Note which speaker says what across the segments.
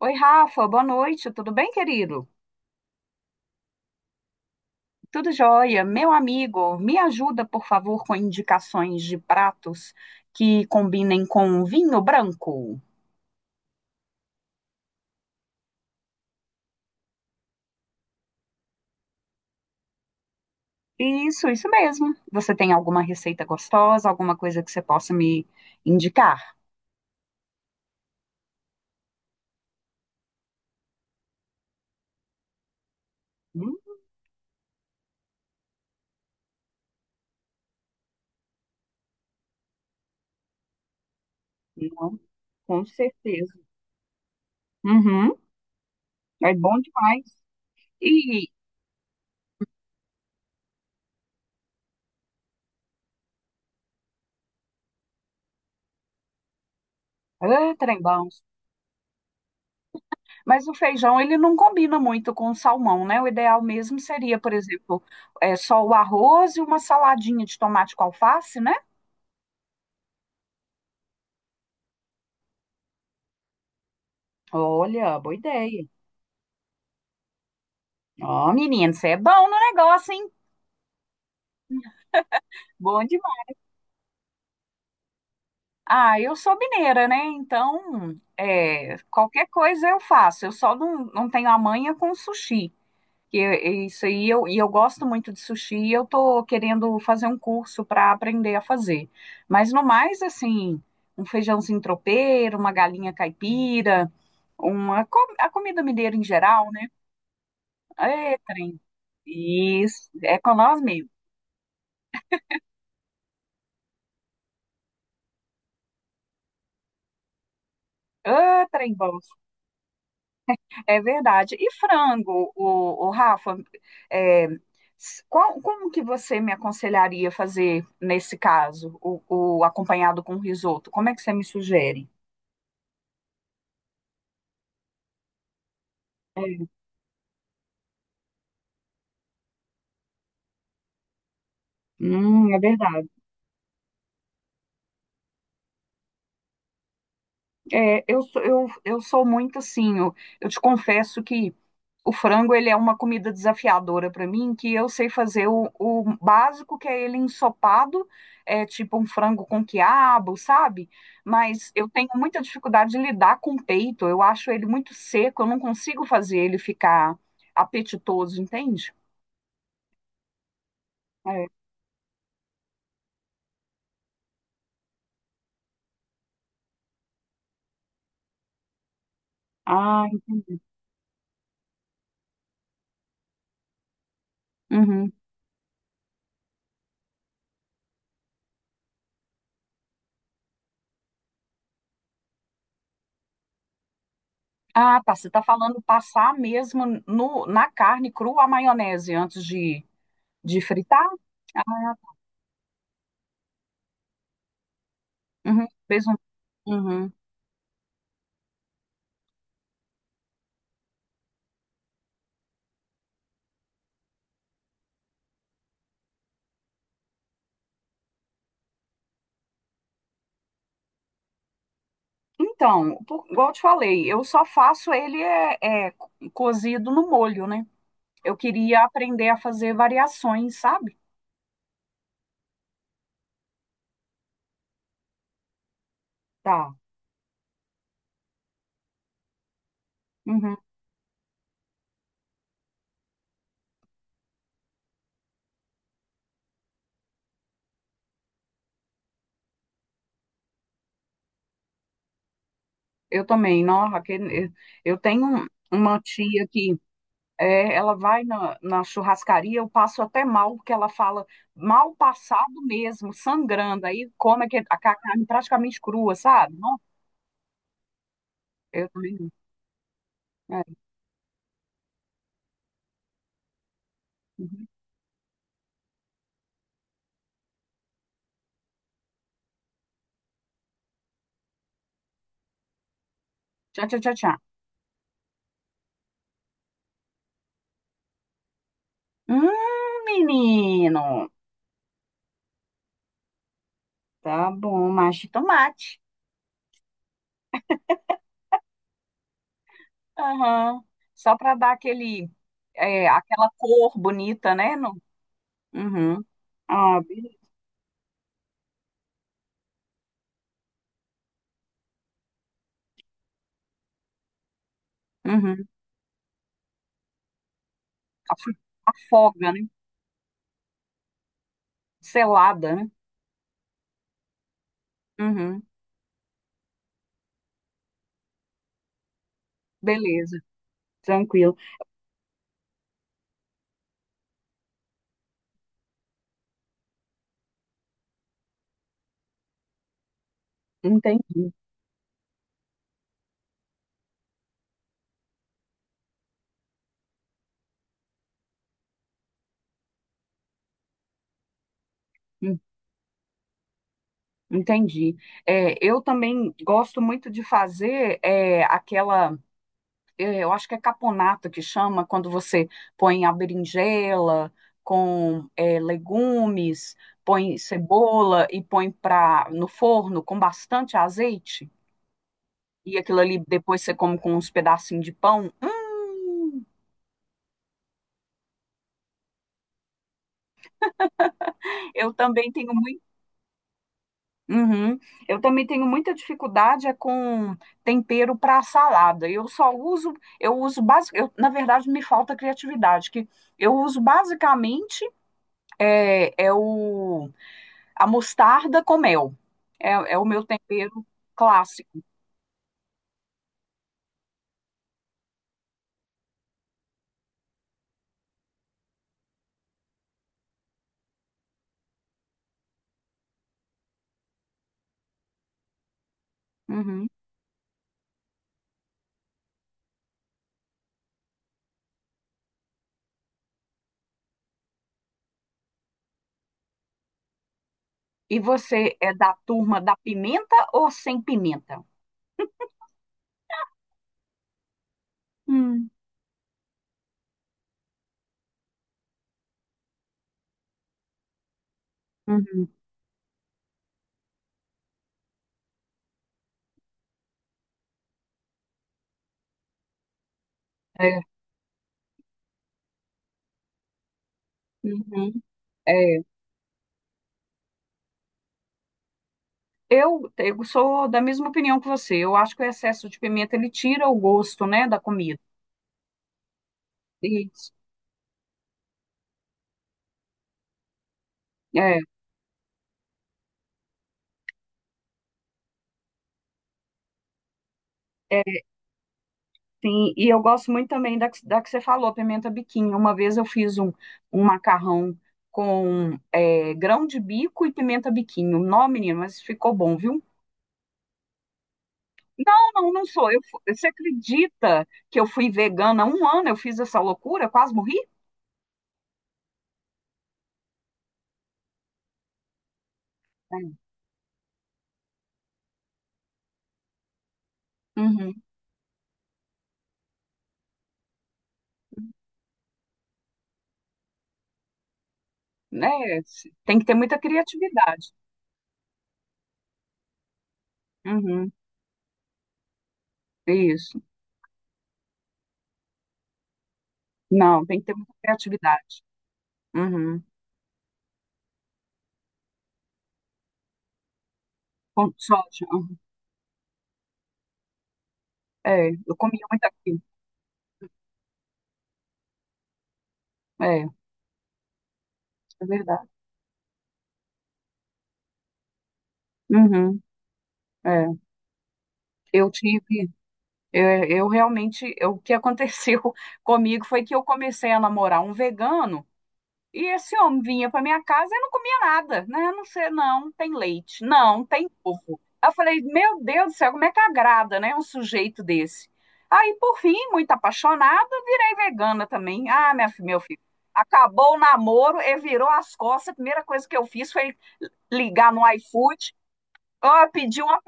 Speaker 1: Oi, Rafa, boa noite, tudo bem, querido? Tudo jóia. Meu amigo, me ajuda, por favor, com indicações de pratos que combinem com vinho branco. Isso mesmo. Você tem alguma receita gostosa, alguma coisa que você possa me indicar? Hum, não, com certeza. Uhum, é bom demais. E, ah, trem bom. Mas o feijão, ele não combina muito com o salmão, né? O ideal mesmo seria, por exemplo, só o arroz e uma saladinha de tomate com alface, né? Olha, boa ideia. Ó, menino, você é bom no negócio, hein? Bom demais. Ah, eu sou mineira, né? Então, qualquer coisa eu faço. Eu só não tenho a manha com sushi. Que é isso aí, e eu gosto muito de sushi e eu tô querendo fazer um curso para aprender a fazer. Mas no mais, assim, um feijãozinho tropeiro, uma galinha caipira, a comida mineira em geral, né? É, trem. Isso, é com nós mesmo. Ah, trem bom. É verdade. E frango, o Rafa, é, como que você me aconselharia fazer nesse caso, o acompanhado com risoto? Como é que você me sugere? É, é verdade. É, eu sou muito assim, eu te confesso que o frango ele é uma comida desafiadora para mim, que eu sei fazer o básico, que é ele ensopado, é tipo um frango com quiabo, sabe? Mas eu tenho muita dificuldade de lidar com o peito, eu acho ele muito seco, eu não consigo fazer ele ficar apetitoso, entende? É. Ah, entendi. Uhum. Ah, tá. Você está falando passar mesmo no, na carne crua a maionese antes de fritar? Uhum, Uhum. Então, igual eu te falei, eu só faço ele cozido no molho, né? Eu queria aprender a fazer variações, sabe? Tá. Uhum. Eu também, não, Raquel, eu tenho uma tia que é, ela vai na churrascaria, eu passo até mal, porque ela fala mal passado mesmo, sangrando. Aí come carne praticamente crua, sabe? Não, eu também não. É. Uhum. Tchau, tchau, tchau, tchau. Menino. Tá bom, mas de tomate. Aham. Só para dar aquela cor bonita, né? No... Uhum. Ah, beleza. Uhum. Af- Afoga, né? Selada, né? Uhum. Beleza, tranquilo. Entendi. Entendi. É, eu também gosto muito de fazer aquela, eu acho que é caponata que chama, quando você põe a berinjela com legumes, põe cebola e põe no forno com bastante azeite, e aquilo ali depois você come com uns pedacinhos de pão. Eu também tenho muito. Uhum. Eu também tenho muita dificuldade é com tempero para salada. Eu uso basic, na verdade me falta criatividade, que eu uso basicamente é, é o a mostarda com mel. É o meu tempero clássico. Uhum. E você é da turma da pimenta ou sem pimenta? Hum. Uhum. É. Uhum. É. Eu sou da mesma opinião que você. Eu acho que o excesso de pimenta ele tira o gosto, né, da comida. Isso. É, é, sim. E eu gosto muito também da que você falou, pimenta biquinho. Uma vez eu fiz um macarrão com grão de bico e pimenta biquinho. Não, menino, mas ficou bom, viu? Não, não, não sou. Você acredita que eu fui vegana há um ano? Eu fiz essa loucura, quase morri? É. Uhum. Tem que ter muita criatividade. Uhum. Isso. Não, tem que ter muita criatividade. Uhum. Com soja. É, eu comia muita coisa. É, é verdade. Uhum, é. Eu tive, eu realmente, eu- o que aconteceu comigo foi que eu comecei a namorar um vegano e esse homem vinha para minha casa e não comia nada, né? Não sei, não tem leite, não tem ovo. Aí eu falei, meu Deus do céu, como é que agrada, né? Um sujeito desse. Aí, por fim, muito apaixonada, virei vegana também. Ah, meu filho, acabou o namoro e virou as costas. A primeira coisa que eu fiz foi ligar no iFood. Ó, pedi uma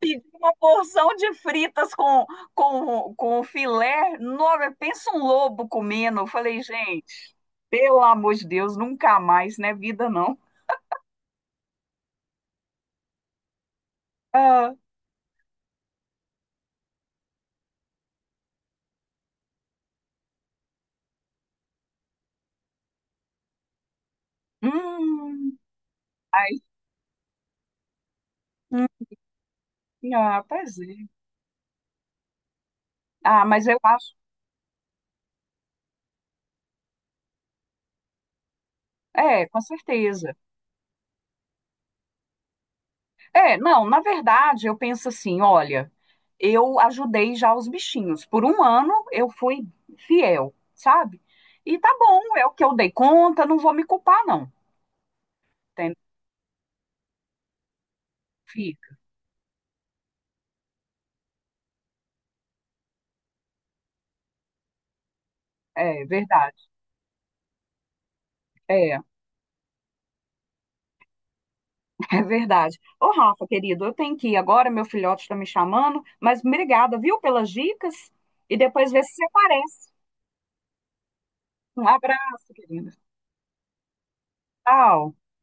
Speaker 1: Pedi uma porção de fritas com filé. Nossa, pensa um lobo comendo. Eu falei, gente, pelo amor de Deus, nunca mais, né? Vida não. Ah, hum, ai, hum, ah, pois é. Ah, mas eu acho. É, com certeza. É, não, na verdade, eu penso assim: olha, eu ajudei já os bichinhos. Por um ano eu fui fiel, sabe? E tá bom, é o que eu dei conta, não vou me culpar, não. Entendeu? É verdade, é, é verdade. Ô, Rafa, querido, eu tenho que ir agora, meu filhote está me chamando, mas obrigada, viu, pelas dicas? E depois vê se você aparece. Um abraço, querido. Tchau.